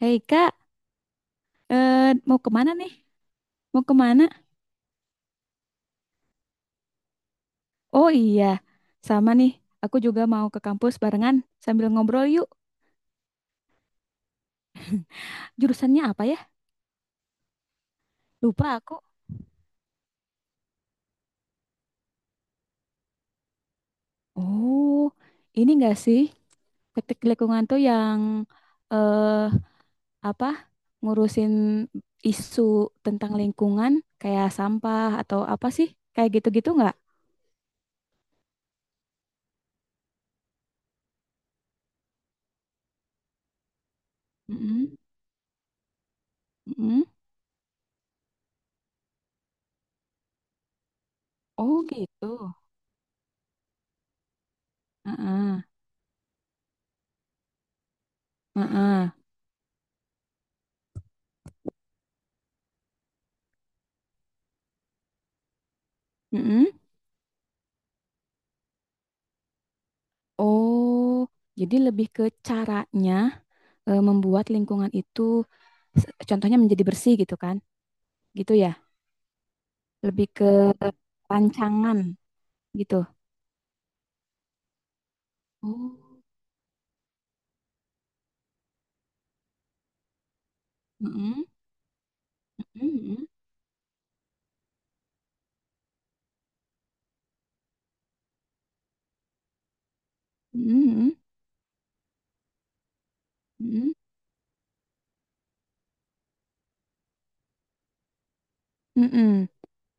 Hei kak, eh, mau kemana nih? Mau kemana? Oh iya, sama nih. Aku juga mau ke kampus barengan sambil ngobrol yuk. Jurusannya apa ya? Lupa aku. Oh, ini enggak sih? Teknik lingkungan tuh yang eh apa? Ngurusin isu tentang lingkungan kayak sampah atau apa sih? Kayak gitu-gitu nggak? Mm-mm, mm-mm. Oh gitu. Heeh, heeh, heeh. Oh, jadi lebih ke caranya membuat lingkungan itu, contohnya menjadi bersih gitu kan? Gitu ya, lebih ke rancangan gitu. Oh, mm-mm, mm-mm, mm-mm, mm-mm, mm-mm.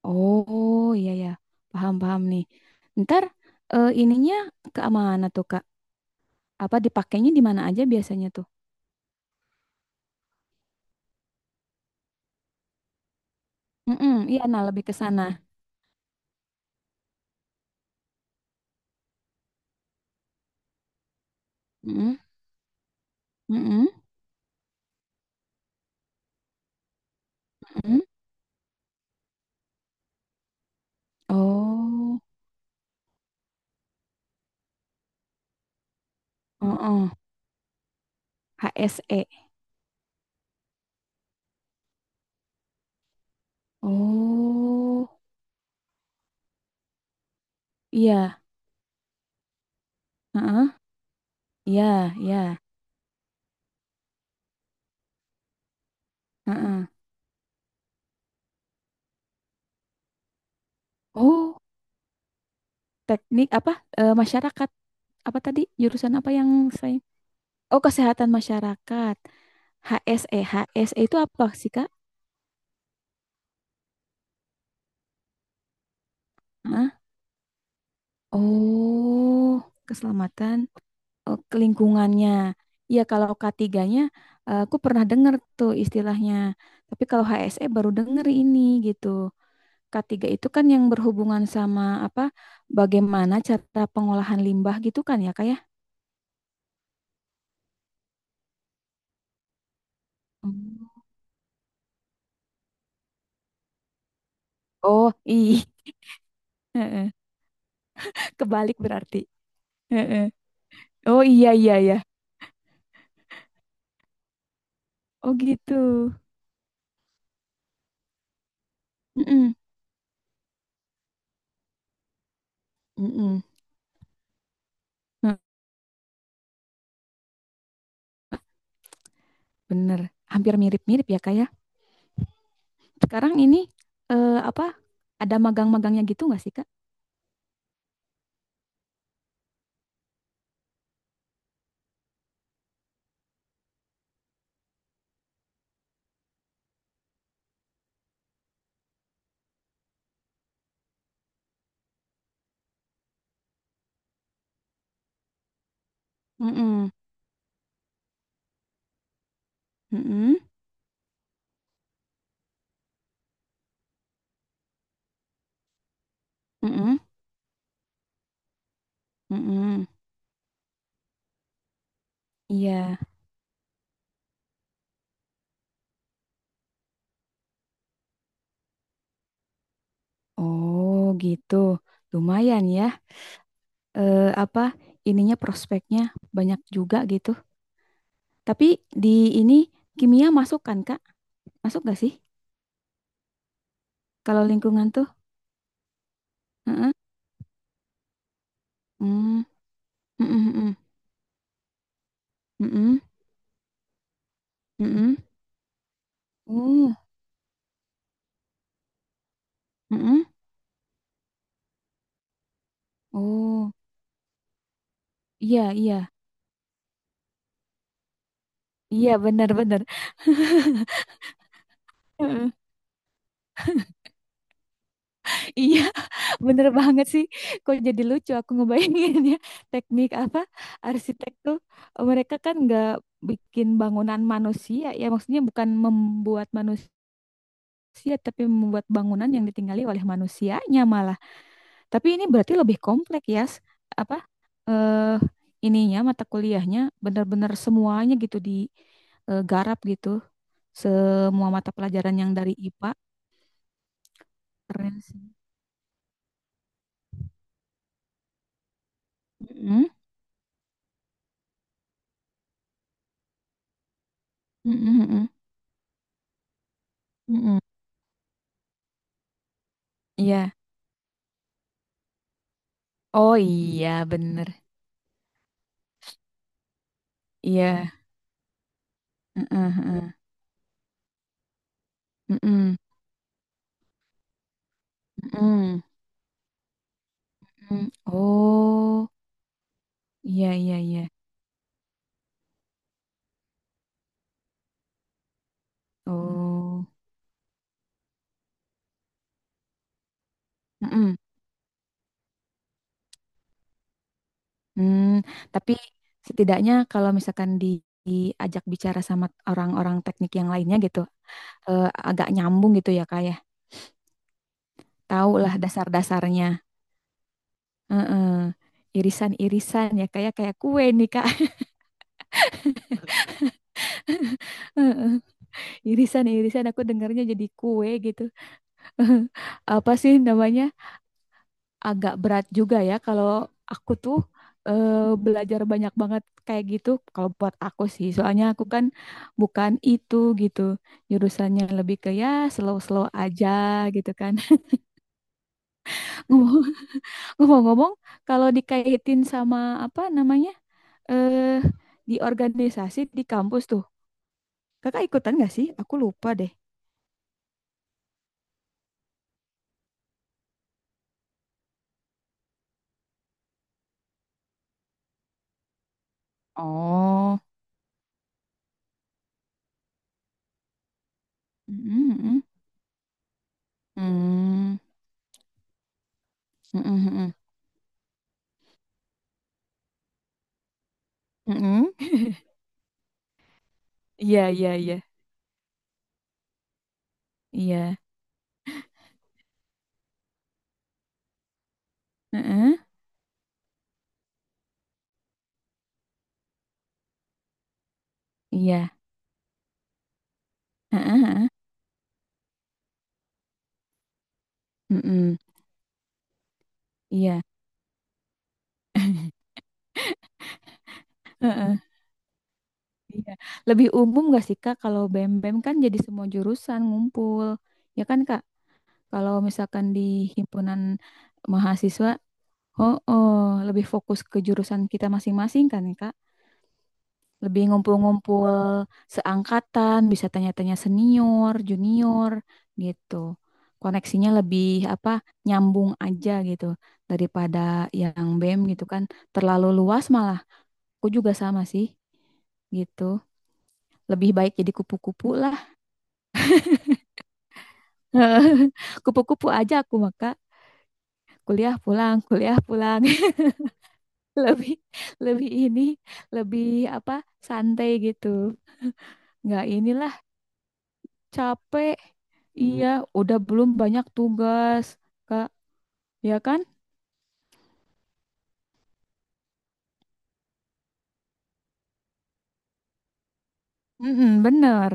Oh, iya ya, paham paham nih. Ntar ininya ke mana tuh Kak? Apa dipakainya di mana aja biasanya tuh? Mm-mm, iya, nah lebih ke sana. Mm-mm, mm-mm, mm-mm. Oh, oh, oh. HSE. Oh, iya. Heeh. Iya, iya. Heeh. Oh, teknik apa? Eh, masyarakat. Apa tadi? Jurusan apa yang saya? Oh, kesehatan masyarakat. HSE. HSE itu apa sih, Kak? Heeh. Oh, keselamatan. Oh, ke lingkungannya. Iya, kalau k tiganya nya aku pernah dengar tuh istilahnya. Tapi kalau HSE baru denger ini gitu. Ketiga itu kan yang berhubungan sama apa? Bagaimana cara pengolahan limbah gitu kan ya, Kak ya? Hmm. Oh, iya. Heeh. Kebalik berarti. Heeh. Oh iya iya ya. Oh gitu. Mm-mm. Mm-mm. Nah, bener. Hampir mirip-mirip ya, Kak ya. Sekarang ini apa? Ada magang-magangnya gitu nggak sih, Kak? Mm-mm. Mm-mm. Mm-mm. Mm-mm. Iya. Oh, gitu. Lumayan ya. Apa ininya prospeknya banyak juga gitu. Tapi di ini kimia masuk kan Kak? Masuk gak sih? Kalau lingkungan tuh? Heeh. Hmm. Mm-mm, mm-mm, mm-mm, mm-mm. Mm-mm. Oh, mm, mm. Oh, iya iya. Iya benar-benar. Heeh. Iya, bener banget sih. Kok jadi lucu aku ngebayanginnya teknik apa arsitek tuh mereka kan nggak bikin bangunan manusia ya maksudnya bukan membuat manusia manusia, tapi membuat bangunan yang ditinggali oleh manusianya malah. Tapi ini berarti lebih kompleks ya, apa eh ininya mata kuliahnya benar-benar semuanya gitu digarap gitu. Semua mata pelajaran yang dari IPA keren sih. Mm-mm, mm-mm, mm-mm, mm-mm. Iya. Oh iya, bener. Iya. Heeh, heeh. Mm-mm, mm-mm, mm-mm. Oh, iya iya iya. Oh. Mm-mm. Hmm, tapi setidaknya kalau misalkan di, diajak bicara sama orang-orang teknik yang lainnya gitu, agak nyambung gitu ya kak ya. Tahu lah dasar-dasarnya. Heeh. Irisan-irisan ya kayak kayak kue nih kak. Heeh. Irisan-irisan aku dengarnya jadi kue gitu. Apa sih namanya? Agak berat juga ya kalau aku tuh eh, belajar banyak banget kayak gitu kalau buat aku sih soalnya aku kan bukan itu gitu jurusannya lebih ke ya slow-slow aja gitu kan. Ngomong- ngomong-ngomong kalau dikaitin sama apa namanya eh di organisasi di kampus tuh kakak ikutan gak sih aku lupa deh. Oh, mm-mm, hmm, hmm, hmm, hmm, hmm. Iya, iya, iya, iya, heeh, iya. Heeh, heeh. Mm-mm. Iya, heeh, iya. Lebih umum gak sih Kak kalau BEM-BEM kan jadi semua jurusan ngumpul. Ya kan Kak? Kalau misalkan di himpunan mahasiswa, oh, oh lebih fokus ke jurusan kita masing-masing kan Kak? Lebih ngumpul-ngumpul seangkatan, bisa tanya-tanya senior, junior gitu. Koneksinya lebih apa? Nyambung aja gitu daripada yang BEM gitu kan terlalu luas malah. Aku juga sama sih, gitu. Lebih baik jadi kupu-kupu lah. Kupu-kupu aja aku maka kuliah pulang, kuliah pulang. Lebih lebih ini, lebih apa? Santai gitu. Nggak inilah capek. Iya, udah belum banyak tugas, Kak. Ya kan? Mm-mm, bener.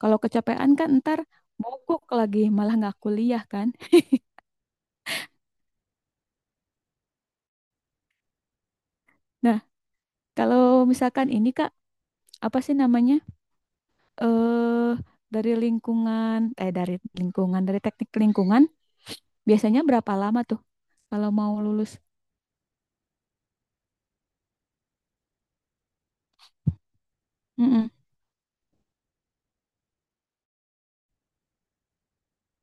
Kalau kecapean kan ntar mogok lagi, malah nggak kuliah kan. Nah, kalau misalkan ini Kak, apa sih namanya? eh dari lingkungan dari teknik lingkungan biasanya berapa lama tuh kalau mau lulus? Mm-mm.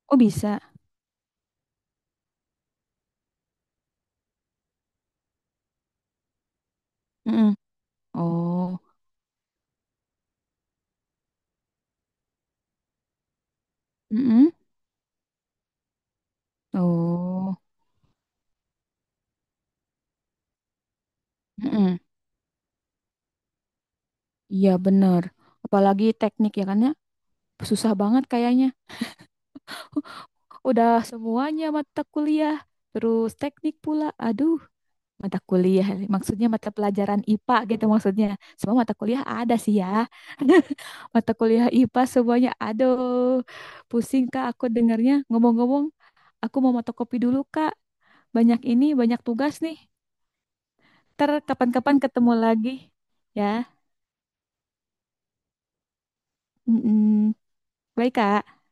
Oh bisa. Mm-mm. Oh, mm-mm. Oh, mm-mm. Iya bener. Apalagi teknik ya kan ya susah banget kayaknya. Udah semuanya mata kuliah, terus teknik pula. Aduh, mata kuliah maksudnya mata pelajaran IPA gitu maksudnya semua mata kuliah ada sih ya. Mata kuliah IPA semuanya aduh pusing kak aku dengarnya ngomong-ngomong aku mau fotokopi dulu kak banyak ini banyak tugas nih ntar kapan-kapan ketemu lagi ya. Mm. Baik, Kak.